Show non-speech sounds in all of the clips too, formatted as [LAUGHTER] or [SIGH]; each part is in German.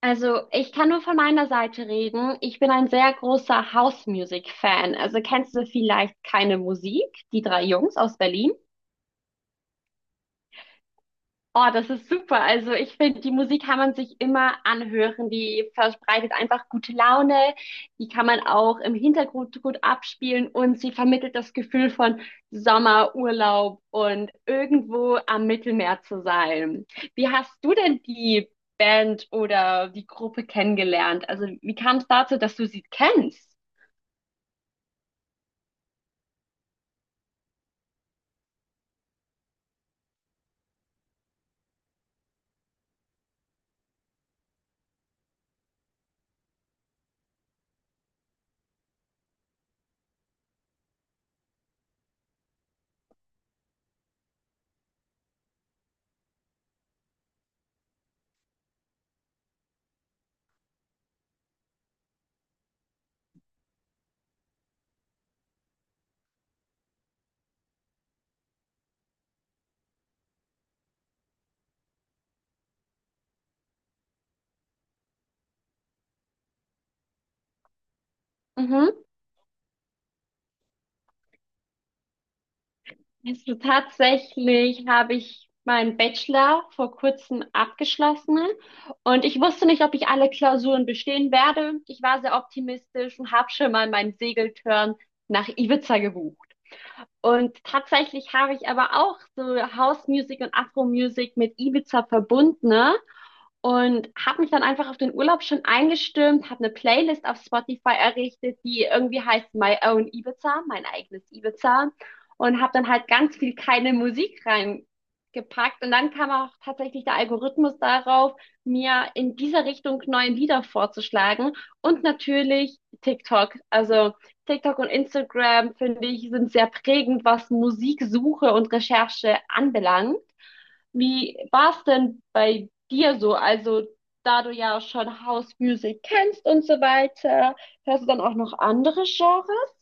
Also, ich kann nur von meiner Seite reden. Ich bin ein sehr großer House Music Fan. Also, kennst du vielleicht keine Musik, die drei Jungs aus Berlin? Oh, das ist super. Also ich finde, die Musik kann man sich immer anhören. Die verbreitet einfach gute Laune. Die kann man auch im Hintergrund gut abspielen und sie vermittelt das Gefühl von Sommer, Urlaub und irgendwo am Mittelmeer zu sein. Wie hast du denn die Band oder die Gruppe kennengelernt? Also wie kam es dazu, dass du sie kennst? Mhm. Also tatsächlich habe ich meinen Bachelor vor kurzem abgeschlossen und ich wusste nicht, ob ich alle Klausuren bestehen werde. Ich war sehr optimistisch und habe schon mal meinen Segeltörn nach Ibiza gebucht. Und tatsächlich habe ich aber auch so House Music und Afro Music mit Ibiza verbunden, ne? Und habe mich dann einfach auf den Urlaub schon eingestimmt, habe eine Playlist auf Spotify errichtet, die irgendwie heißt My Own Ibiza, mein eigenes Ibiza. Und habe dann halt ganz viel keine Musik reingepackt. Und dann kam auch tatsächlich der Algorithmus darauf, mir in dieser Richtung neue Lieder vorzuschlagen. Und natürlich TikTok. Also TikTok und Instagram, finde ich, sind sehr prägend, was Musiksuche und Recherche anbelangt. Wie war es denn bei dir so? Also, da du ja schon House Music kennst und so weiter, hörst du dann auch noch andere Genres?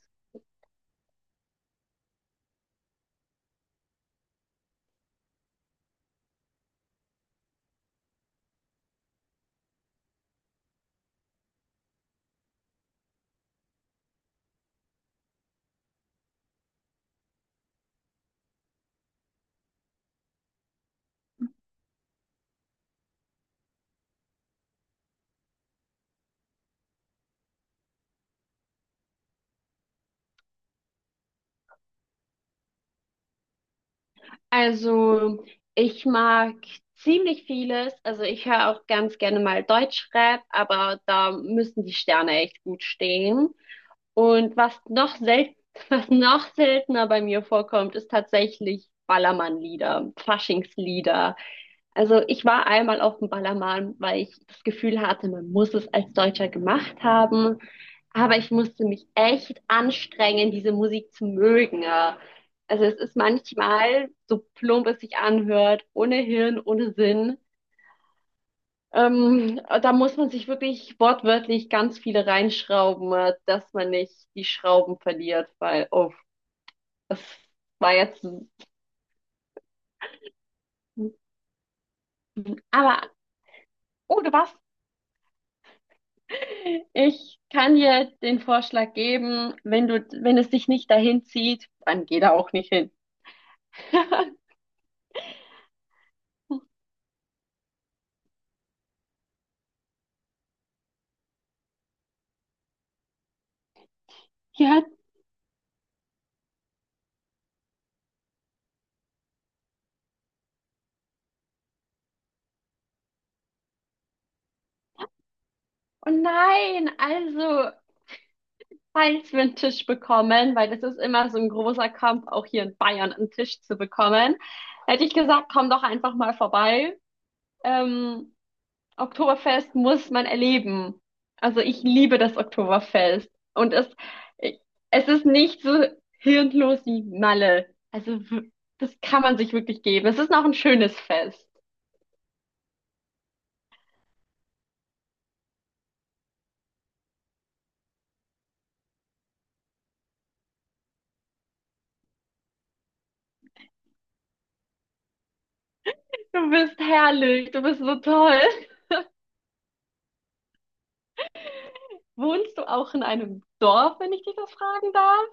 Also, ich mag ziemlich vieles. Also, ich höre auch ganz gerne mal Deutschrap, aber da müssen die Sterne echt gut stehen. Und was noch selten, [LAUGHS] was noch seltener bei mir vorkommt, ist tatsächlich Ballermann-Lieder, Faschingslieder. Also ich war einmal auf dem Ballermann, weil ich das Gefühl hatte, man muss es als Deutscher gemacht haben. Aber ich musste mich echt anstrengen, diese Musik zu mögen, ja. Also es ist manchmal, so plump es sich anhört, ohne Hirn, ohne Sinn. Da muss man sich wirklich wortwörtlich ganz viele reinschrauben, dass man nicht die Schrauben verliert, weil, oh, das war jetzt. Aber, oh, du warst. Ich kann dir den Vorschlag geben, wenn du, wenn es dich nicht dahin zieht, dann geh da auch nicht hin. [LAUGHS] Ja, oh nein, also, falls wir einen Tisch bekommen, weil das ist immer so ein großer Kampf, auch hier in Bayern einen Tisch zu bekommen, hätte ich gesagt, komm doch einfach mal vorbei. Ähm, Oktoberfest muss man erleben. Also ich liebe das Oktoberfest. Und es ist nicht so hirnlos wie Malle. Also das kann man sich wirklich geben. Es ist noch ein schönes Fest. Du bist herrlich, du bist so toll. Wohnst du auch in einem Dorf, wenn ich dich das fragen darf?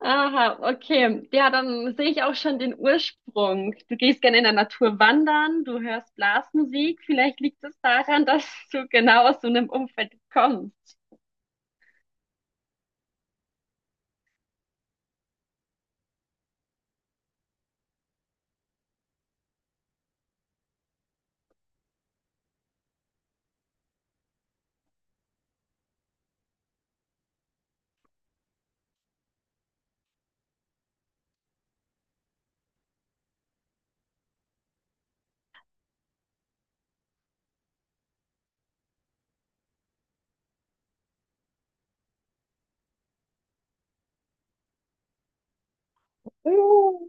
Aha, okay. Ja, dann sehe ich auch schon den Ursprung. Du gehst gerne in der Natur wandern, du hörst Blasmusik. Vielleicht liegt es daran, dass du genau aus so einem Umfeld kommst. Uh,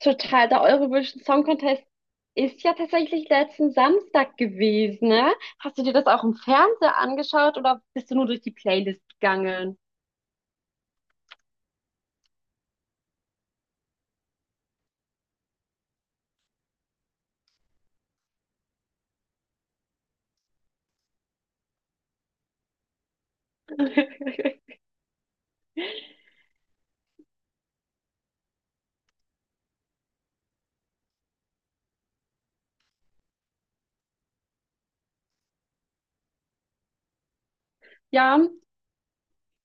Total, der Eurovision Song Contest ist ja tatsächlich letzten Samstag gewesen, ne? Hast du dir das auch im Fernseher angeschaut oder bist du nur durch die Playlist gegangen? [LAUGHS] Ja.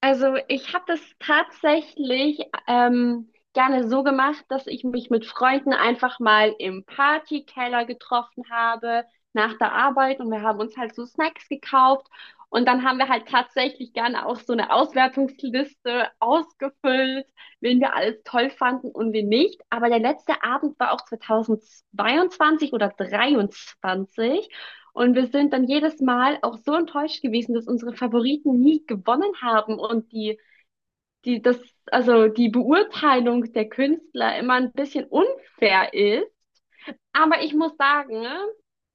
Also ich habe das tatsächlich gerne so gemacht, dass ich mich mit Freunden einfach mal im Partykeller getroffen habe nach der Arbeit und wir haben uns halt so Snacks gekauft und dann haben wir halt tatsächlich gerne auch so eine Auswertungsliste ausgefüllt, wen wir alles toll fanden und wen nicht. Aber der letzte Abend war auch 2022 oder 23, und wir sind dann jedes Mal auch so enttäuscht gewesen, dass unsere Favoriten nie gewonnen haben und die, das, also die Beurteilung der Künstler immer ein bisschen unfair ist. Aber ich muss sagen, ne,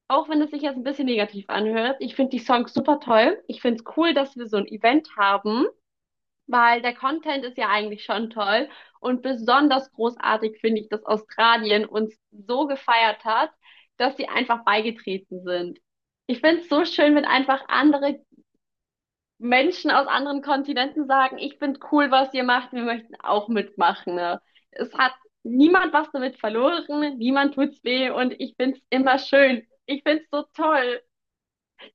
auch wenn es sich jetzt ein bisschen negativ anhört, ich finde die Songs super toll. Ich finde es cool, dass wir so ein Event haben, weil der Content ist ja eigentlich schon toll, und besonders großartig finde ich, dass Australien uns so gefeiert hat, dass sie einfach beigetreten sind. Ich finde es so schön, wenn einfach andere Menschen aus anderen Kontinenten sagen, ich finde cool, was ihr macht, wir möchten auch mitmachen. Ne? Es hat niemand was damit verloren, niemand tut's weh und ich find's immer schön. Ich find's so toll.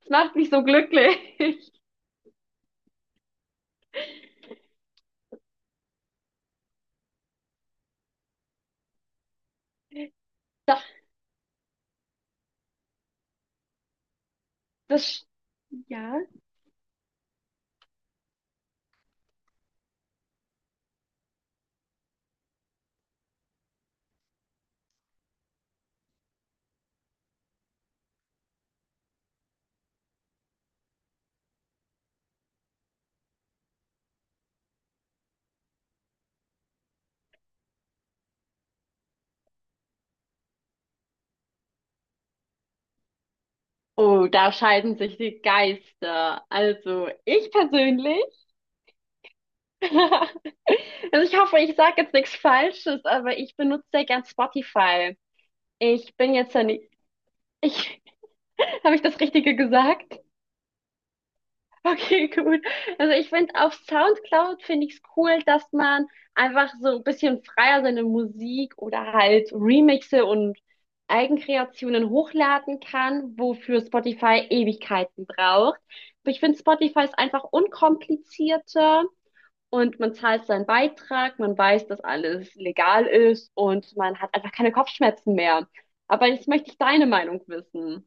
Es macht mich so glücklich. [LAUGHS] Das, das, ja. Oh, da scheiden sich die Geister. Also ich persönlich, [LAUGHS] also ich hoffe, ich sage jetzt nichts Falsches, aber ich benutze sehr gern Spotify. Ich bin jetzt ja nicht, ich, [LAUGHS] habe ich das Richtige gesagt? Okay, [LAUGHS] gut. Also ich finde, auf SoundCloud finde ich es cool, dass man einfach so ein bisschen freier seine Musik oder halt Remixe und Eigenkreationen hochladen kann, wofür Spotify Ewigkeiten braucht. Aber ich finde, Spotify ist einfach unkomplizierter und man zahlt seinen Beitrag, man weiß, dass alles legal ist und man hat einfach keine Kopfschmerzen mehr. Aber jetzt möchte ich deine Meinung wissen.